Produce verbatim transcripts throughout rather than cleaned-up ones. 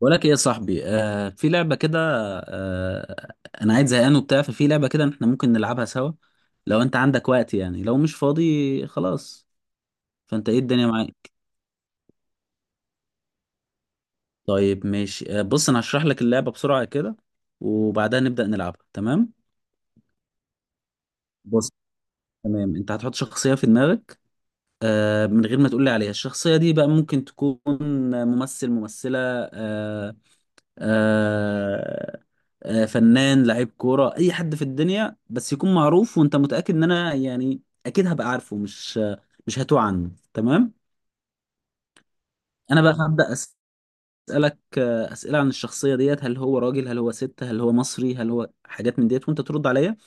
بقول لك ايه يا صاحبي، آه في لعبه كده. آه انا عايز زهقان وبتاع، ففي لعبه كده احنا ممكن نلعبها سوا، لو انت عندك وقت يعني، لو مش فاضي خلاص. فانت ايه الدنيا معاك؟ طيب ماشي، آه بص انا هشرح لك اللعبه بسرعه كده، وبعدها نبدا نلعبها، تمام؟ بص، تمام انت هتحط شخصيه في دماغك، آه من غير ما تقول لي عليها. الشخصيه دي بقى ممكن تكون ممثل، ممثله، آه، آه، آه، فنان، لعيب كورة، أي حد في الدنيا، بس يكون معروف وأنت متأكد إن أنا يعني أكيد هبقى عارفه، مش مش هتوه عنه، تمام؟ أنا بقى هبدأ أسألك آه، أسئلة عن الشخصية ديت، هل هو راجل، هل هو ست، هل هو مصري، هل هو حاجات من ديت، وأنت ترد عليا.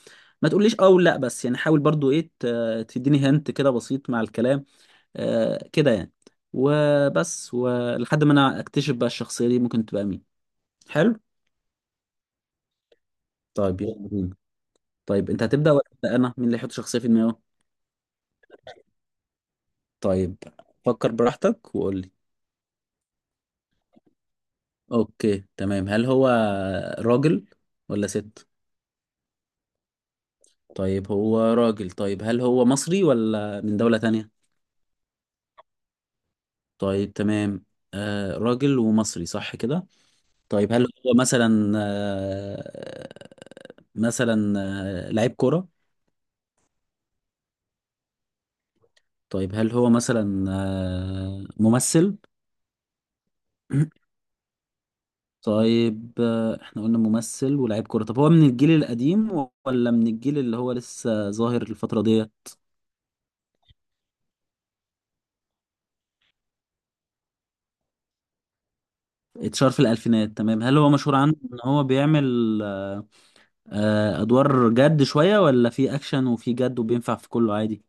ما تقوليش أه ولا لأ، بس يعني حاول برضو إيه، ت- تديني هنت كده بسيط مع الكلام، آه، كده يعني. وبس، ولحد ما أنا أكتشف بقى الشخصية دي ممكن تبقى مين. حلو. طيب يلا بينا. طيب انت هتبدأ ولا أبدأ انا؟ مين اللي يحط شخصية في دماغه؟ طيب فكر براحتك وقول لي. اوكي تمام، هل هو راجل ولا ست؟ طيب هو راجل، طيب هل هو مصري ولا من دولة تانية؟ طيب تمام، آه راجل ومصري، صح كده؟ طيب هل هو مثلا، آه مثلا آه لعيب كرة؟ طيب هل هو مثلا آه ممثل؟ طيب، آه، احنا قلنا ممثل ولاعيب كورة، طب هو من الجيل القديم ولا من الجيل اللي هو لسه ظاهر الفترة دي؟ اتشهر في الألفينات، تمام. هل هو مشهور عنه ان هو بيعمل آه، آه، أدوار جد شوية، ولا في أكشن وفي جد وبينفع في كله عادي؟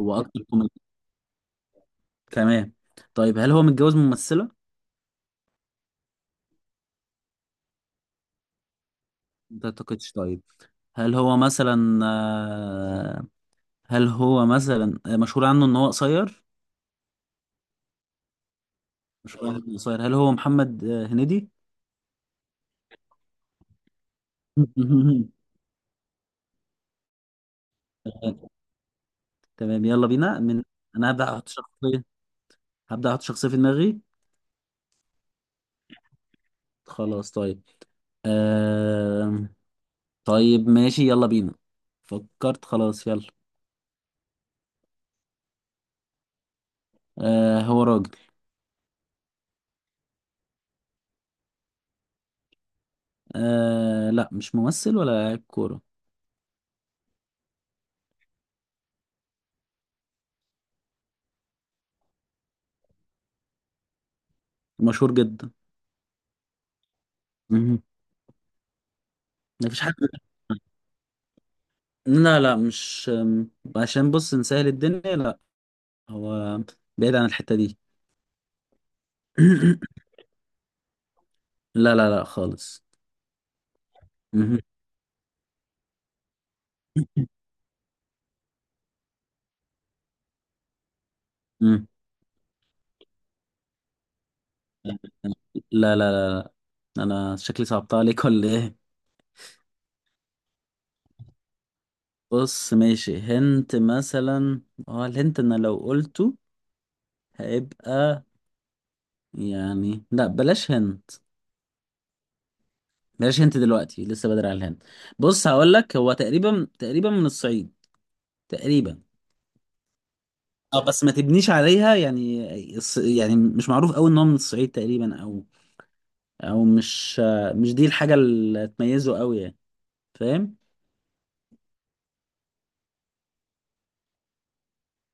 هو أكتر كوميدي، تمام. طيب هل هو متجوز من ممثلة؟ ما أعتقدش، طيب. هل هو مثلا آه، هل هو مثلا آه، مشهور عنه ان هو قصير؟ مشهور عنه إنه قصير، هل هو محمد آه، هنيدي؟ تمام، يلا بينا من انا، هبدأ احط شخصية، هبدأ احط شخصية في دماغي. خلاص طيب، آه... طيب ماشي يلا بينا. فكرت خلاص، يلا. آه هو راجل. آه لا، مش ممثل ولا لاعب كورة. مشهور جدا. مهم. مفيش حد، لا لا، مش أم، عشان بص نسهل الدنيا، لا، هو بعيد عن الحتة دي. لا لا لا خالص. مهم. مم. لا لا لا. انا شكلي صعبتها عليك ولا ايه؟ بص ماشي، هنت مثلا. اه الهنت انا لو قلته هيبقى يعني، لا بلاش هنت، بلاش هنت دلوقتي، لسه بدري على الهنت. بص هقول لك، هو تقريبا، تقريبا من الصعيد، تقريبا. اه بس ما تبنيش عليها يعني، الص- يعني مش معروف قوي ان هو من الصعيد تقريبا، او او مش مش دي الحاجة اللي تميزه قوي يعني، فاهم؟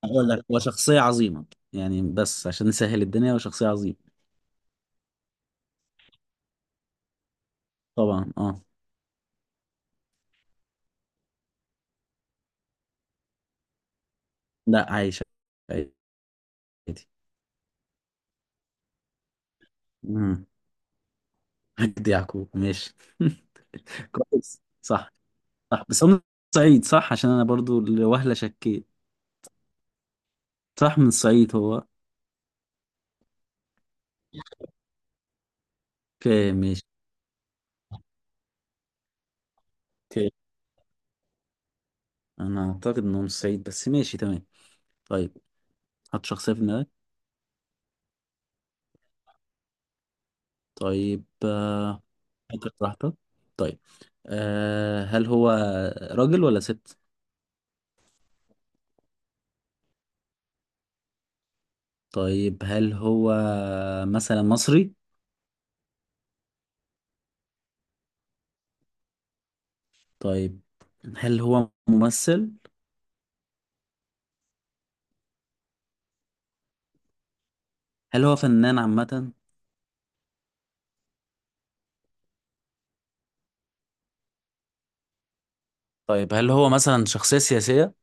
هقول لك هو شخصية عظيمة يعني، بس عشان نسهل الدنيا هو شخصية عظيمة. طبعا اه. لا عايشة، عادي. مجدي يعقوب، ماشي. كويس، صح. صح بس هو من الصعيد صح، عشان انا برضو لوهلة شكيت، صح من الصعيد هو. اوكي ماشي. اوكي انا اعتقد انه من الصعيد، بس ماشي تمام. طيب حط شخصية في دماغك. طيب فكر براحتك. طيب أه هل هو راجل ولا ست؟ طيب هل هو مثلا مصري؟ طيب هل هو ممثل؟ هل هو فنان عامة؟ طيب هل هو مثلا شخصية سياسية؟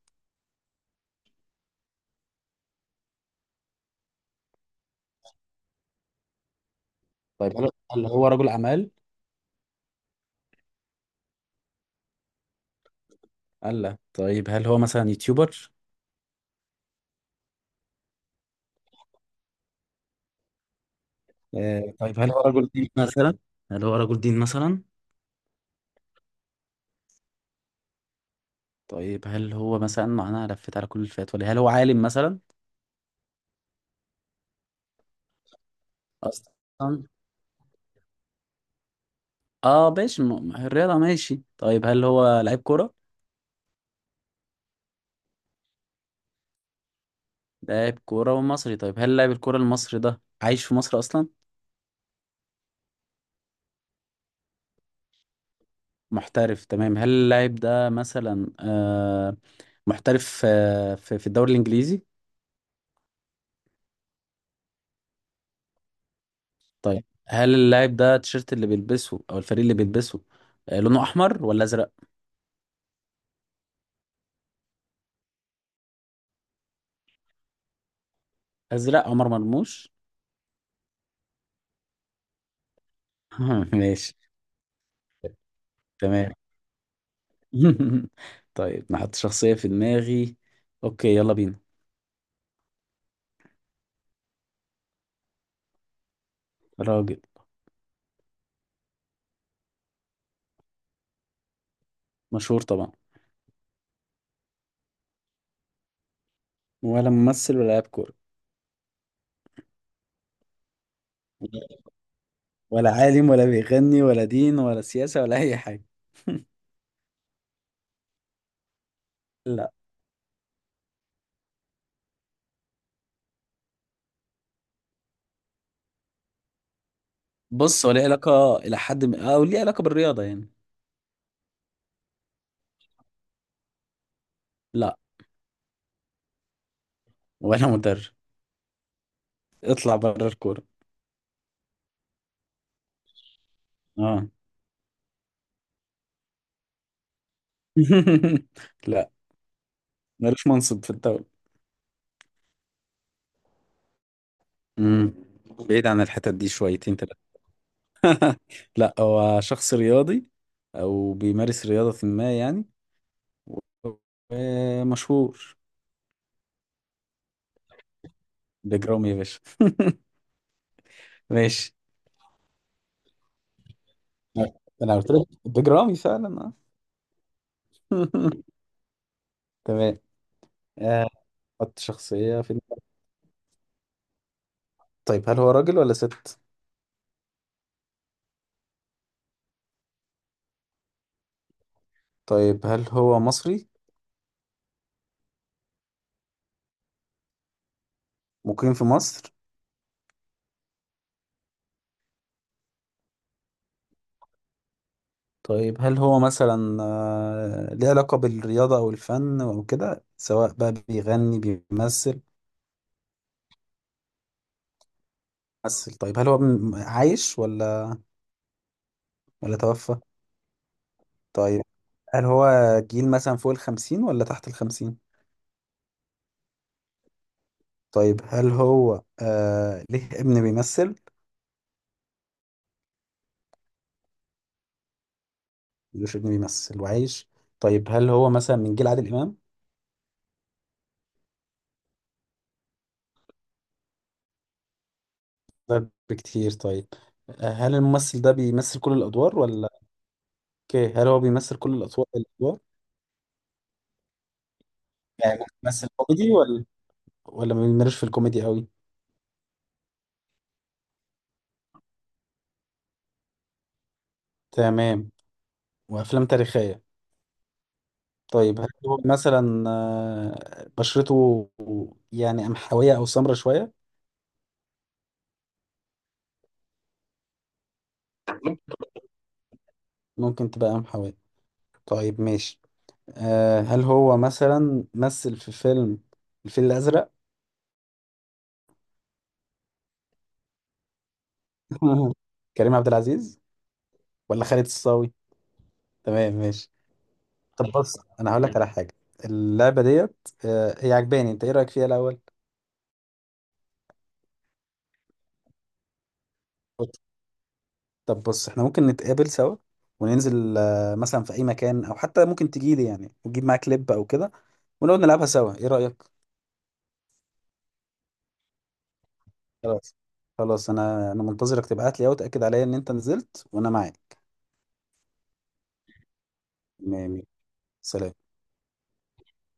طيب هل هل هو رجل أعمال؟ الله، طيب هل هو مثلا يوتيوبر؟ آه، طيب هل هو رجل دين مثلا هل هو رجل دين مثلا طيب هل هو مثلا، معناها لفيت على كل الفئات، ولا هل هو عالم مثلا؟ اصلا اه ماشي، م- الرياضة ماشي. طيب هل هو لعيب كورة؟ لاعب كورة ومصري، طيب هل لاعب الكورة المصري ده عايش في مصر اصلا؟ محترف، تمام. هل اللاعب ده مثلا آه محترف آه في في الدوري الانجليزي؟ طيب هل اللاعب ده التيشيرت اللي بيلبسه او الفريق اللي بيلبسه آه، لونه احمر ولا ازرق؟ ازرق، عمر مرموش. ماشي، تمام. طيب نحط شخصية في دماغي، اوكي يلا بينا. راجل. مشهور طبعا. ولا ممثل ولا لاعب كورة. ولا عالم، ولا بيغني، ولا دين، ولا سياسة، ولا أي حاجة. لا. بص هو ليه علاقة إلى حد ما، أو ليه علاقة بالرياضة يعني. لا. ولا مدرب. اطلع بره الكورة. اه. لا، ملوش منصب في الدولة. امم بعيد عن الحتت دي شويتين. لا هو شخص رياضي، او بيمارس رياضة ما يعني، ومشهور. بيج رامي يا باشا. ماشي، انا قلت لك بيج رامي فعلا، آه. تمام. آه، حط شخصية في دماغي. طيب هل هو راجل ولا ست؟ طيب هل هو مصري؟ مقيم في مصر. طيب هل هو مثلا آه، ليه علاقة بالرياضة او الفن او كده، سواء بقى بيغني، بيمثل؟ ممثل. طيب هل هو م- عايش ولا، ولا توفى؟ طيب هل هو جيل مثلا فوق الخمسين ولا تحت الخمسين؟ طيب هل هو آه ليه ابن بيمثل؟ ملوش ابن بيمثل وعايش. طيب هل هو مثلا من جيل عادل إمام؟ ده بكتير، طيب. آه، هل الممثل ده بيمثل كل الأدوار، ولا، اوكي هل هو بيمثل كل الأطوار الأدوار؟ يعني ممكن يمثل كوميدي، ولا، ولا ما بيميلش في الكوميدي قوي؟ تمام، وأفلام تاريخية. طيب هل هو مثلا آه، بشرته يعني قمحوية أو سمرة شوية؟ ممكن تبقى قمحوية، طيب ماشي. آه هل هو مثلا مثل في فيلم الفيل الأزرق؟ كريم عبد العزيز ولا خالد الصاوي؟ تمام ماشي. طب بص أنا هقول لك على حاجة، اللعبة ديت آه هي عجباني، أنت إيه رأيك فيها الأول؟ طب بص إحنا ممكن نتقابل سوا، وننزل آه مثلا في أي مكان، أو حتى ممكن تجيلي يعني وتجيب معاك كليب أو كده، ونقعد نلعبها سوا، إيه رأيك؟ خلاص. خلاص أنا أنا منتظرك تبعت لي أهو، تأكد عليا إن أنت نزلت وأنا معاك. تمام، سلام.